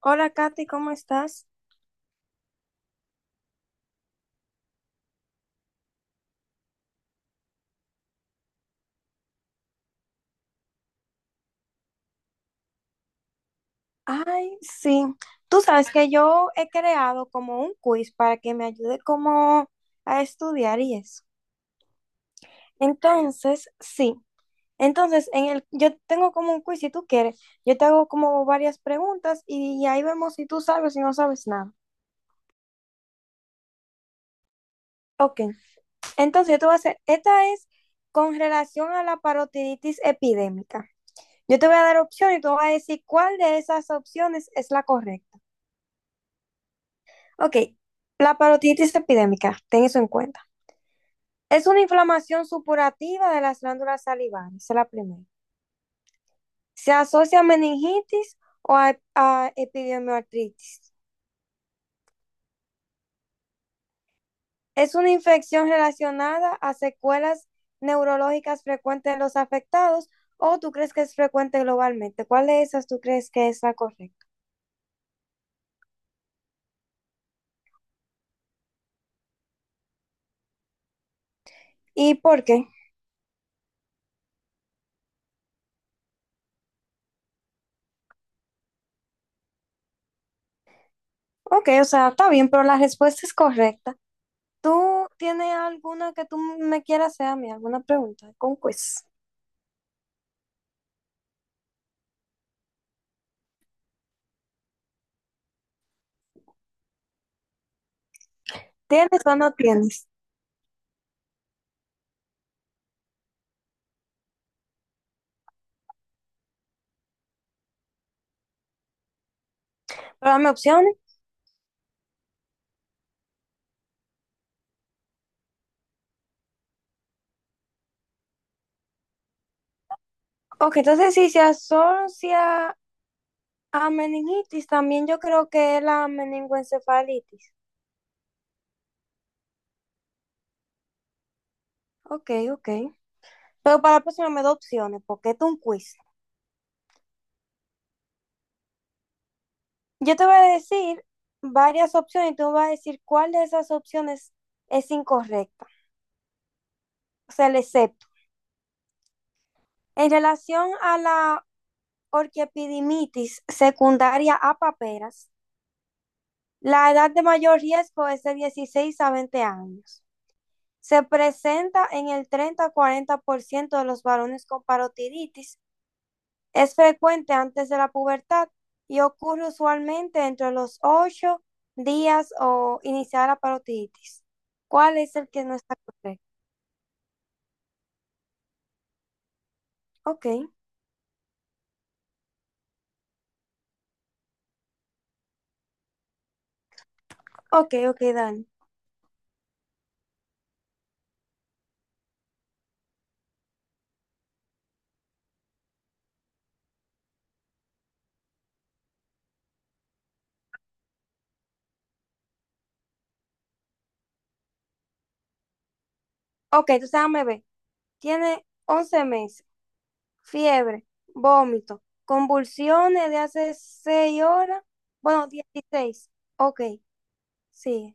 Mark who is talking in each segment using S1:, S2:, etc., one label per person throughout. S1: Hola, Katy, ¿cómo estás? Ay, sí. Tú sabes que yo he creado como un quiz para que me ayude como a estudiar y eso. Entonces, sí. Entonces, yo tengo como un quiz, si tú quieres, yo te hago como varias preguntas y ahí vemos si tú sabes y no sabes nada. Ok. Entonces, yo te voy a hacer, esta es con relación a la parotiditis epidémica. Yo te voy a dar opciones y tú vas a decir cuál de esas opciones es la correcta. Ok, la parotiditis epidémica, ten eso en cuenta. Es una inflamación supurativa de las glándulas salivares, esa es la primera. Se asocia a meningitis o a epidemioartritis. Es una infección relacionada a secuelas neurológicas frecuentes en los afectados o tú crees que es frecuente globalmente. ¿Cuál de esas tú crees que es la correcta? ¿Y por qué? Ok, o sea, está bien, pero la respuesta es correcta. ¿Tú tienes alguna que tú me quieras hacer a mí? ¿Alguna pregunta? Con quiz. ¿Tienes o no tienes? Pero dame opciones. Ok, entonces si se asocia a meningitis, también yo creo que es la meningoencefalitis. Ok, ok. Pero para la próxima me da opciones, porque esto es un quiz. Yo te voy a decir varias opciones y tú me vas a decir cuál de esas opciones es incorrecta. O sea, el excepto. En relación a la orquiepidimitis secundaria a paperas, la edad de mayor riesgo es de 16 a 20 años. Se presenta en el 30 a 40 por ciento de los varones con parotiritis. Es frecuente antes de la pubertad y ocurre usualmente entre los 8 días o iniciar la parotiditis. ¿Cuál es el que no está correcto? Ok, ok, ok, Dani. Ok, entonces déjame ver. Tiene 11 meses, fiebre, vómito, convulsiones de hace 6 horas, bueno, 16. Ok, sí,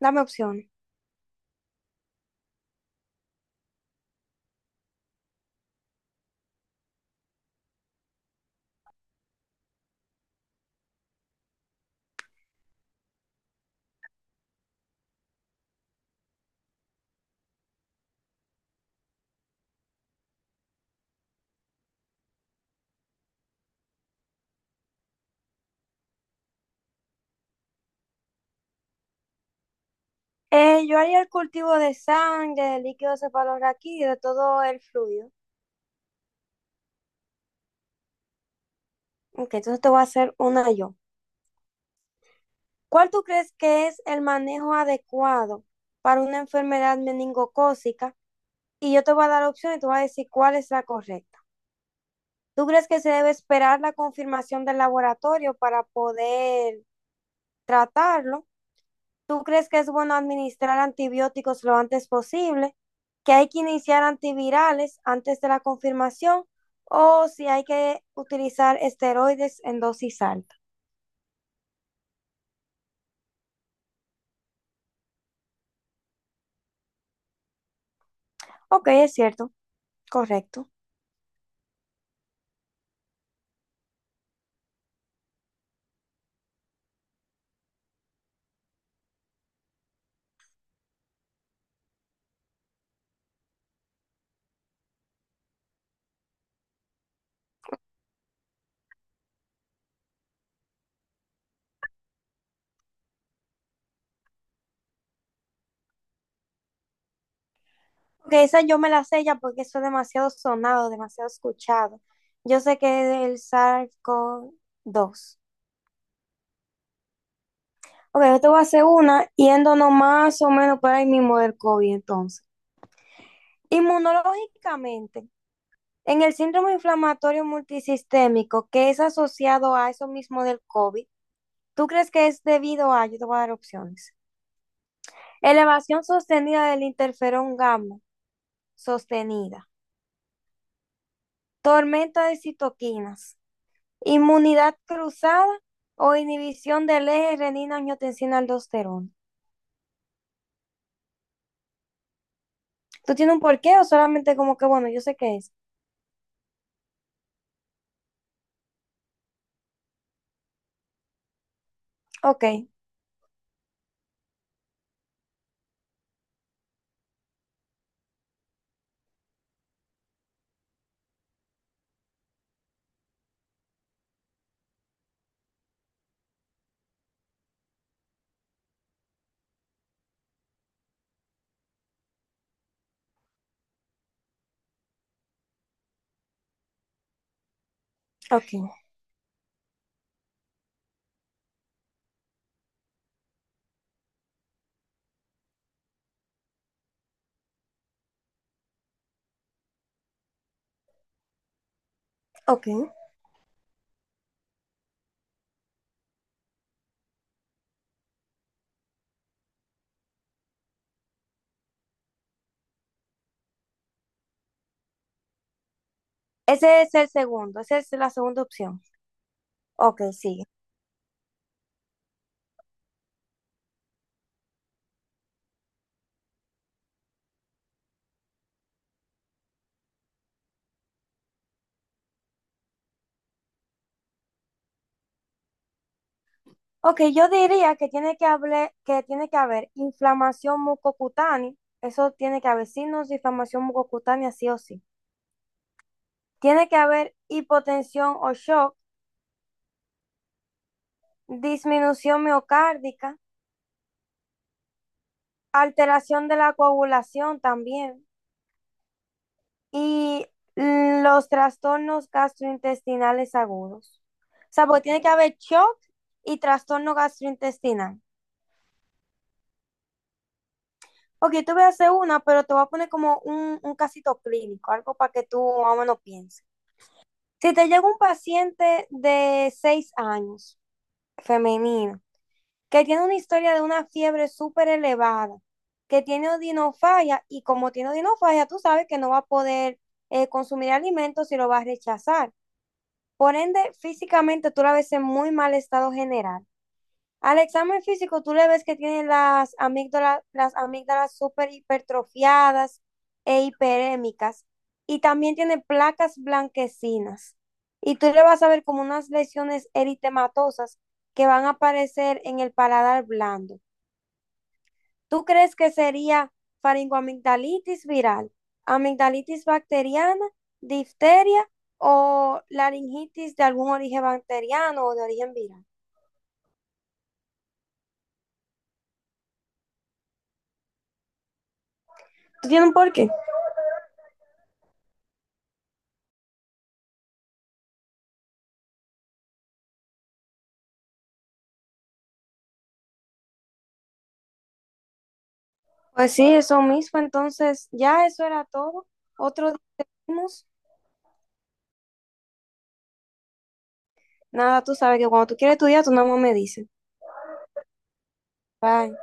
S1: dame opciones. Yo haría el cultivo de sangre, de líquido cefalorraquídeo, de todo el fluido. Ok, entonces te voy a hacer una yo. ¿Cuál tú crees que es el manejo adecuado para una enfermedad meningocócica? Y yo te voy a dar opciones y tú vas a decir cuál es la correcta. ¿Tú crees que se debe esperar la confirmación del laboratorio para poder tratarlo? ¿Tú crees que es bueno administrar antibióticos lo antes posible? ¿Que hay que iniciar antivirales antes de la confirmación? ¿O si hay que utilizar esteroides en dosis alta? Ok, es cierto, correcto. Ok, esa yo me la sé ya porque eso es demasiado sonado, demasiado escuchado. Yo sé que es el SARS-CoV-2. Ok, yo te voy a hacer una yéndonos más o menos por ahí mismo del COVID entonces. Inmunológicamente, en el síndrome inflamatorio multisistémico que es asociado a eso mismo del COVID, ¿tú crees que es debido a, yo te voy a dar opciones, elevación sostenida del interferón gamma, sostenida, tormenta de citoquinas, inmunidad cruzada o inhibición del eje renina angiotensina aldosterona? ¿Tú tienes un porqué o solamente como que, bueno, yo sé qué es? Ok, ok, ok. Ese es el segundo, esa es la segunda opción. Ok, sigue. Ok, yo diría que tiene que que tiene que haber inflamación mucocutánea, eso tiene que haber signos de inflamación mucocutánea sí o sí. Tiene que haber hipotensión o shock, disminución miocárdica, alteración de la coagulación también y los trastornos gastrointestinales agudos. O sea, porque tiene que haber shock y trastorno gastrointestinal. Ok, tú voy a hacer una, pero te voy a poner como un casito clínico, algo para que tú más o menos pienses. Si te llega un paciente de 6 años, femenino, que tiene una historia de una fiebre súper elevada, que tiene odinofagia y como tiene odinofagia, tú sabes que no va a poder consumir alimentos y lo va a rechazar. Por ende, físicamente tú la ves en muy mal estado general. Al examen físico, tú le ves que tiene las amígdalas súper hipertrofiadas e hiperémicas. Y también tiene placas blanquecinas. Y tú le vas a ver como unas lesiones eritematosas que van a aparecer en el paladar blando. ¿Tú crees que sería faringoamigdalitis viral, amigdalitis bacteriana, difteria o laringitis de algún origen bacteriano o de origen viral? Tiene un porqué. Pues sí, eso mismo. Entonces, ya eso era todo. Otro día seguimos. Nada, tú sabes que cuando tú quieres estudiar, tú nada más me dices. Bye.